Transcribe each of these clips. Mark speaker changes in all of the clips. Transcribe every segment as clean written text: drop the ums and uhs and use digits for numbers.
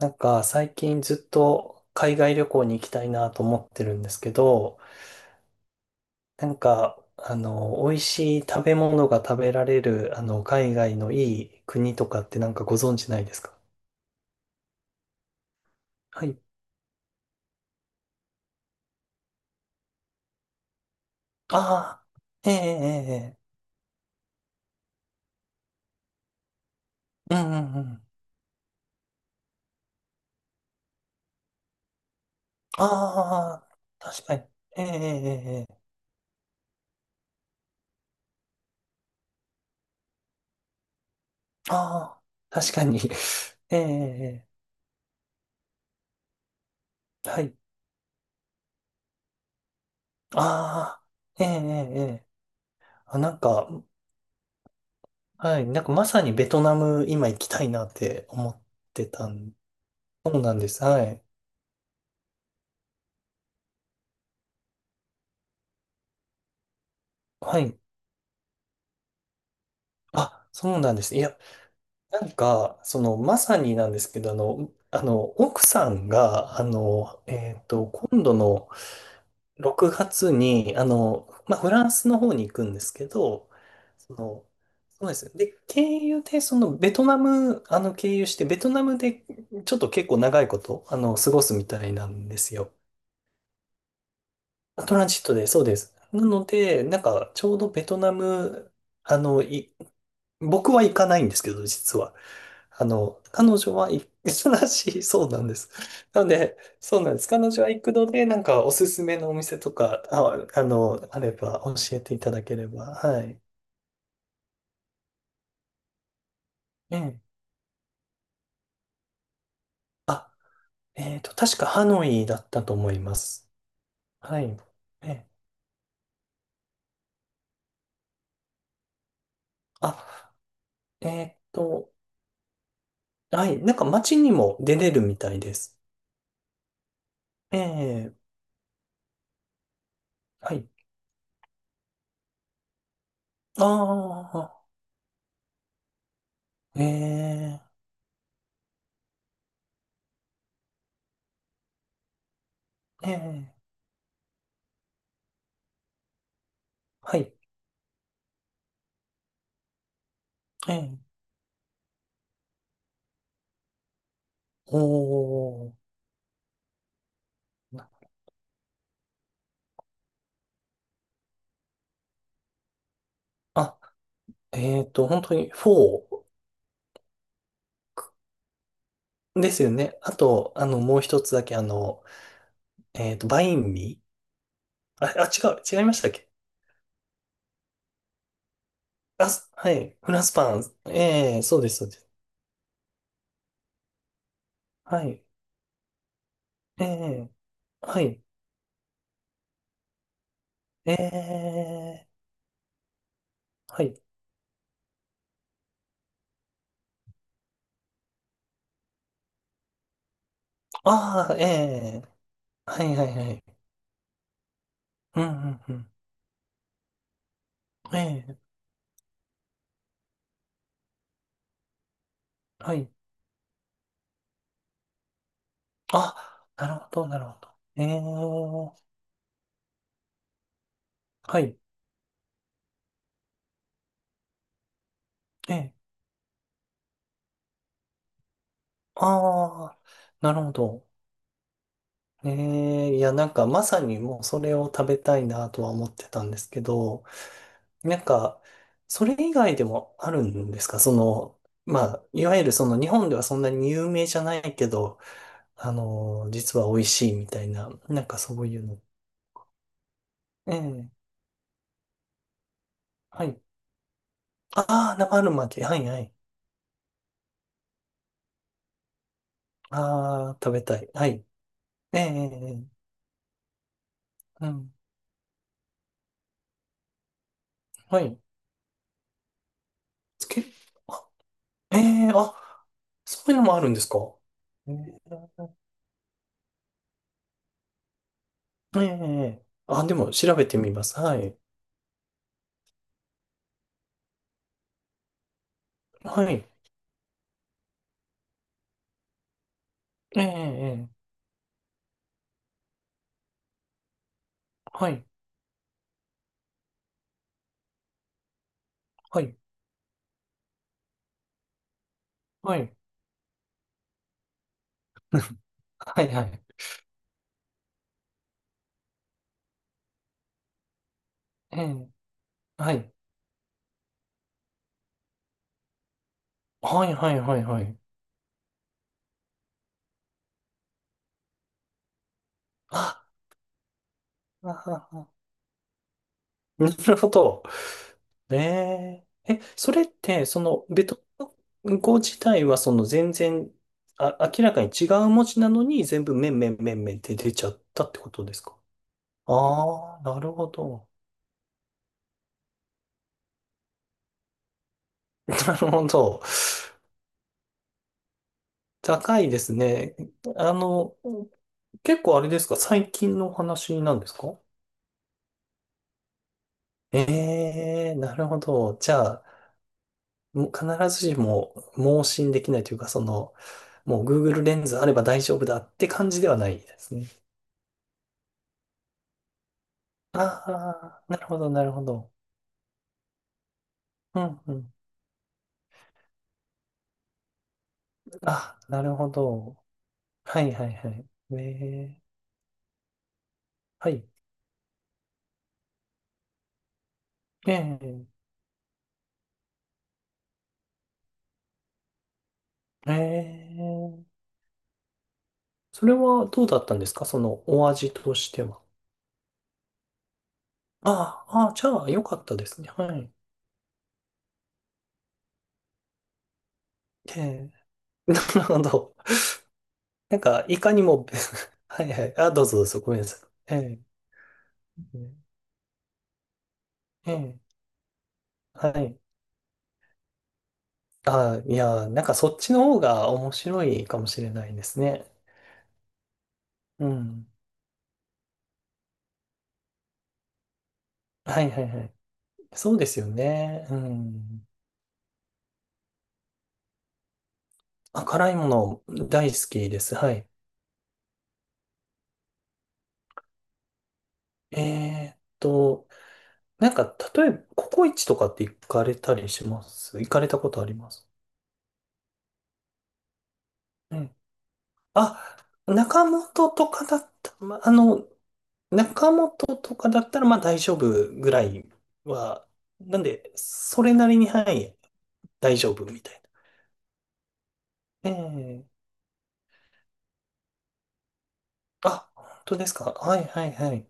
Speaker 1: なんか最近ずっと海外旅行に行きたいなと思ってるんですけど、なんか美味しい食べ物が食べられる海外のいい国とかってなんかご存知ないですか？はい。ああ、ええええええ、うんうんうん。ああ、確かに。ええええええ、ああ、確かに。ええええ、はい。ああ、ええええええ、あ、なんか、はい。なんかまさにベトナム今行きたいなって思ってたんそうなんです。はい。はい。あ、そうなんです。いや、なんか、まさになんですけど、奥さんが、今度の6月に、まあ、フランスの方に行くんですけど、その、そうです。で、経由で、ベトナム、経由して、ベトナムで、ちょっと結構長いこと、過ごすみたいなんですよ。トランジットで、そうです。なので、なんか、ちょうどベトナム、あの、い僕は行かないんですけど、実は。彼女は行く らしい、そうなんです。なので、そうなんです。彼女は行くので、なんかおすすめのお店とか、あ、あれば教えていただければ。はい。ええ。あ、確かハノイだったと思います。はい。ええ。あ、えっと、はい。なんか街にも出れるみたいです。ええ。はい。ああ、ええ。ええ。はい。ええ。おー。あ、本当にフォーですよね。あと、もう一つだけ、バインミー。あ、あ、違う、違いましたっけ？あ、す、はい、フランスパン。ええ、そうです、そうです。はい、ええ、はい、ええ、はい。ああ、ええ、はい、はい、はい。うん、うん、うん。ええ、はい。あ、なるほど、なるほど。ええ、はい、ええ、ああ、なるほど。ええ、いや、なんかまさにもうそれを食べたいなとは思ってたんですけど、なんか、それ以外でもあるんですか？その、まあ、いわゆる日本ではそんなに有名じゃないけど、実は美味しいみたいな、なんかそういうの。ええ、はい。ああ、生春巻き。はいはい。ああ、食べたい。はい。ええ、ええええ、うん。はい。つけ、あ、ええ、あ、そういうのもあるんですか？ええええ、ええ、あ、でも調べてみます。はい。はい。ええ、ええ、はい。はい。はい。はい。はい。ええ、はい。はい。はい。はい。はい。あ、あ、ああ なるほど。ええ、え、それって、その、ベトナム語自体は、全然、あ、明らかに違う文字なのに、全部、めんめんめんめんって出ちゃったってことですか？ああ、なるほど。なるほど。高いですね。あの、結構あれですか？最近のお話なんですか？ええー、なるほど。じゃあ、もう必ずしも盲信できないというか、もう Google レンズあれば大丈夫だって感じではないですね。ああ、なるほど、なるほど。うん、うん。あ、なるほど。はい、はい、はい。ええ、はい。ええ、ええ。それはどうだったんですか、そのお味としては。ああ、ああ、じゃあ、よかったですね。はい。ええ、なるほど。なんか、いかにも はいはい。あ、どうぞどうぞ。ごめんなさい。ええ、ええ、はい。あ、いや、なんかそっちの方が面白いかもしれないですね。うん。はいはいはい。そうですよね。うん。あ、辛いもの大好きです。はい。えーっと、なんか、例えば、ココイチとかって行かれたりします？行かれたことあります？うん。あ、中本とかだった。ま、中本とかだったら、まあ大丈夫ぐらいは、なんで、それなりに、はい、大丈夫みたいな。ええ、あ、本当ですか。はいはいはい。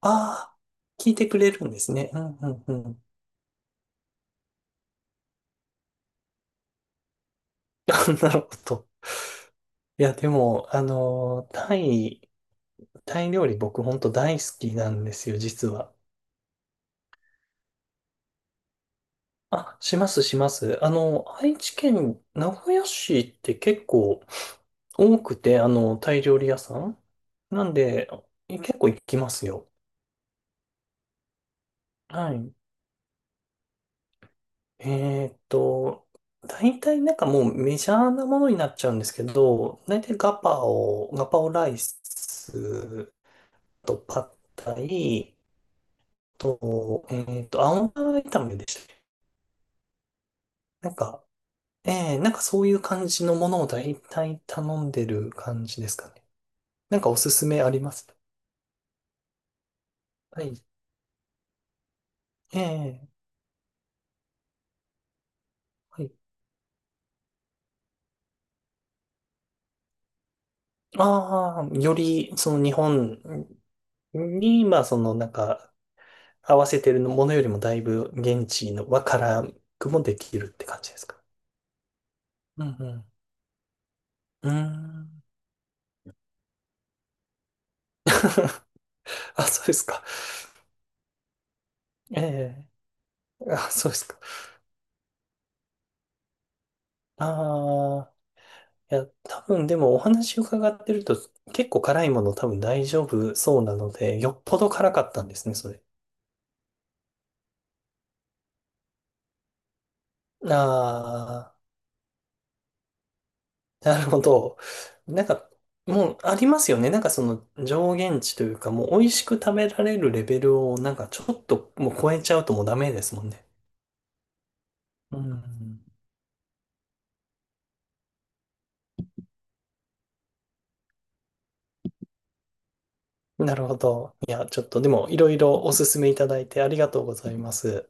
Speaker 1: ああ、聞いてくれるんですね。うんうんうん。あ、なるほど。いや、でも、タイ料理僕本当大好きなんですよ、実は。あ、します、します。愛知県名古屋市って結構多くて、タイ料理屋さんなんで、結構行きますよ。はい。えーっと、大体なんかもうメジャーなものになっちゃうんですけど、大体ガパオライスとパッタイと、青菜炒めでしたっけ？なんか、なんかそういう感じのものを大体頼んでる感じですかね。なんかおすすめあります？はい。ええ、はい。ああ、より、その日本に、まあ、なんか、合わせてるものよりもだいぶ現地の和からくもできるって感じですか？うんうん。うーん。あ、そうですか。ええ、あ、そうですか。ああ、いや、多分でもお話伺ってると、結構辛いもの多分大丈夫そうなので、よっぽど辛かったんですね、それ。ああ。なるほど。なんか、もうありますよね。なんかその上限値というか、もう美味しく食べられるレベルをなんかちょっともう超えちゃうともうダメですもんね。うん。なるほど。いや、ちょっとでもいろいろおすすめいただいてありがとうございます。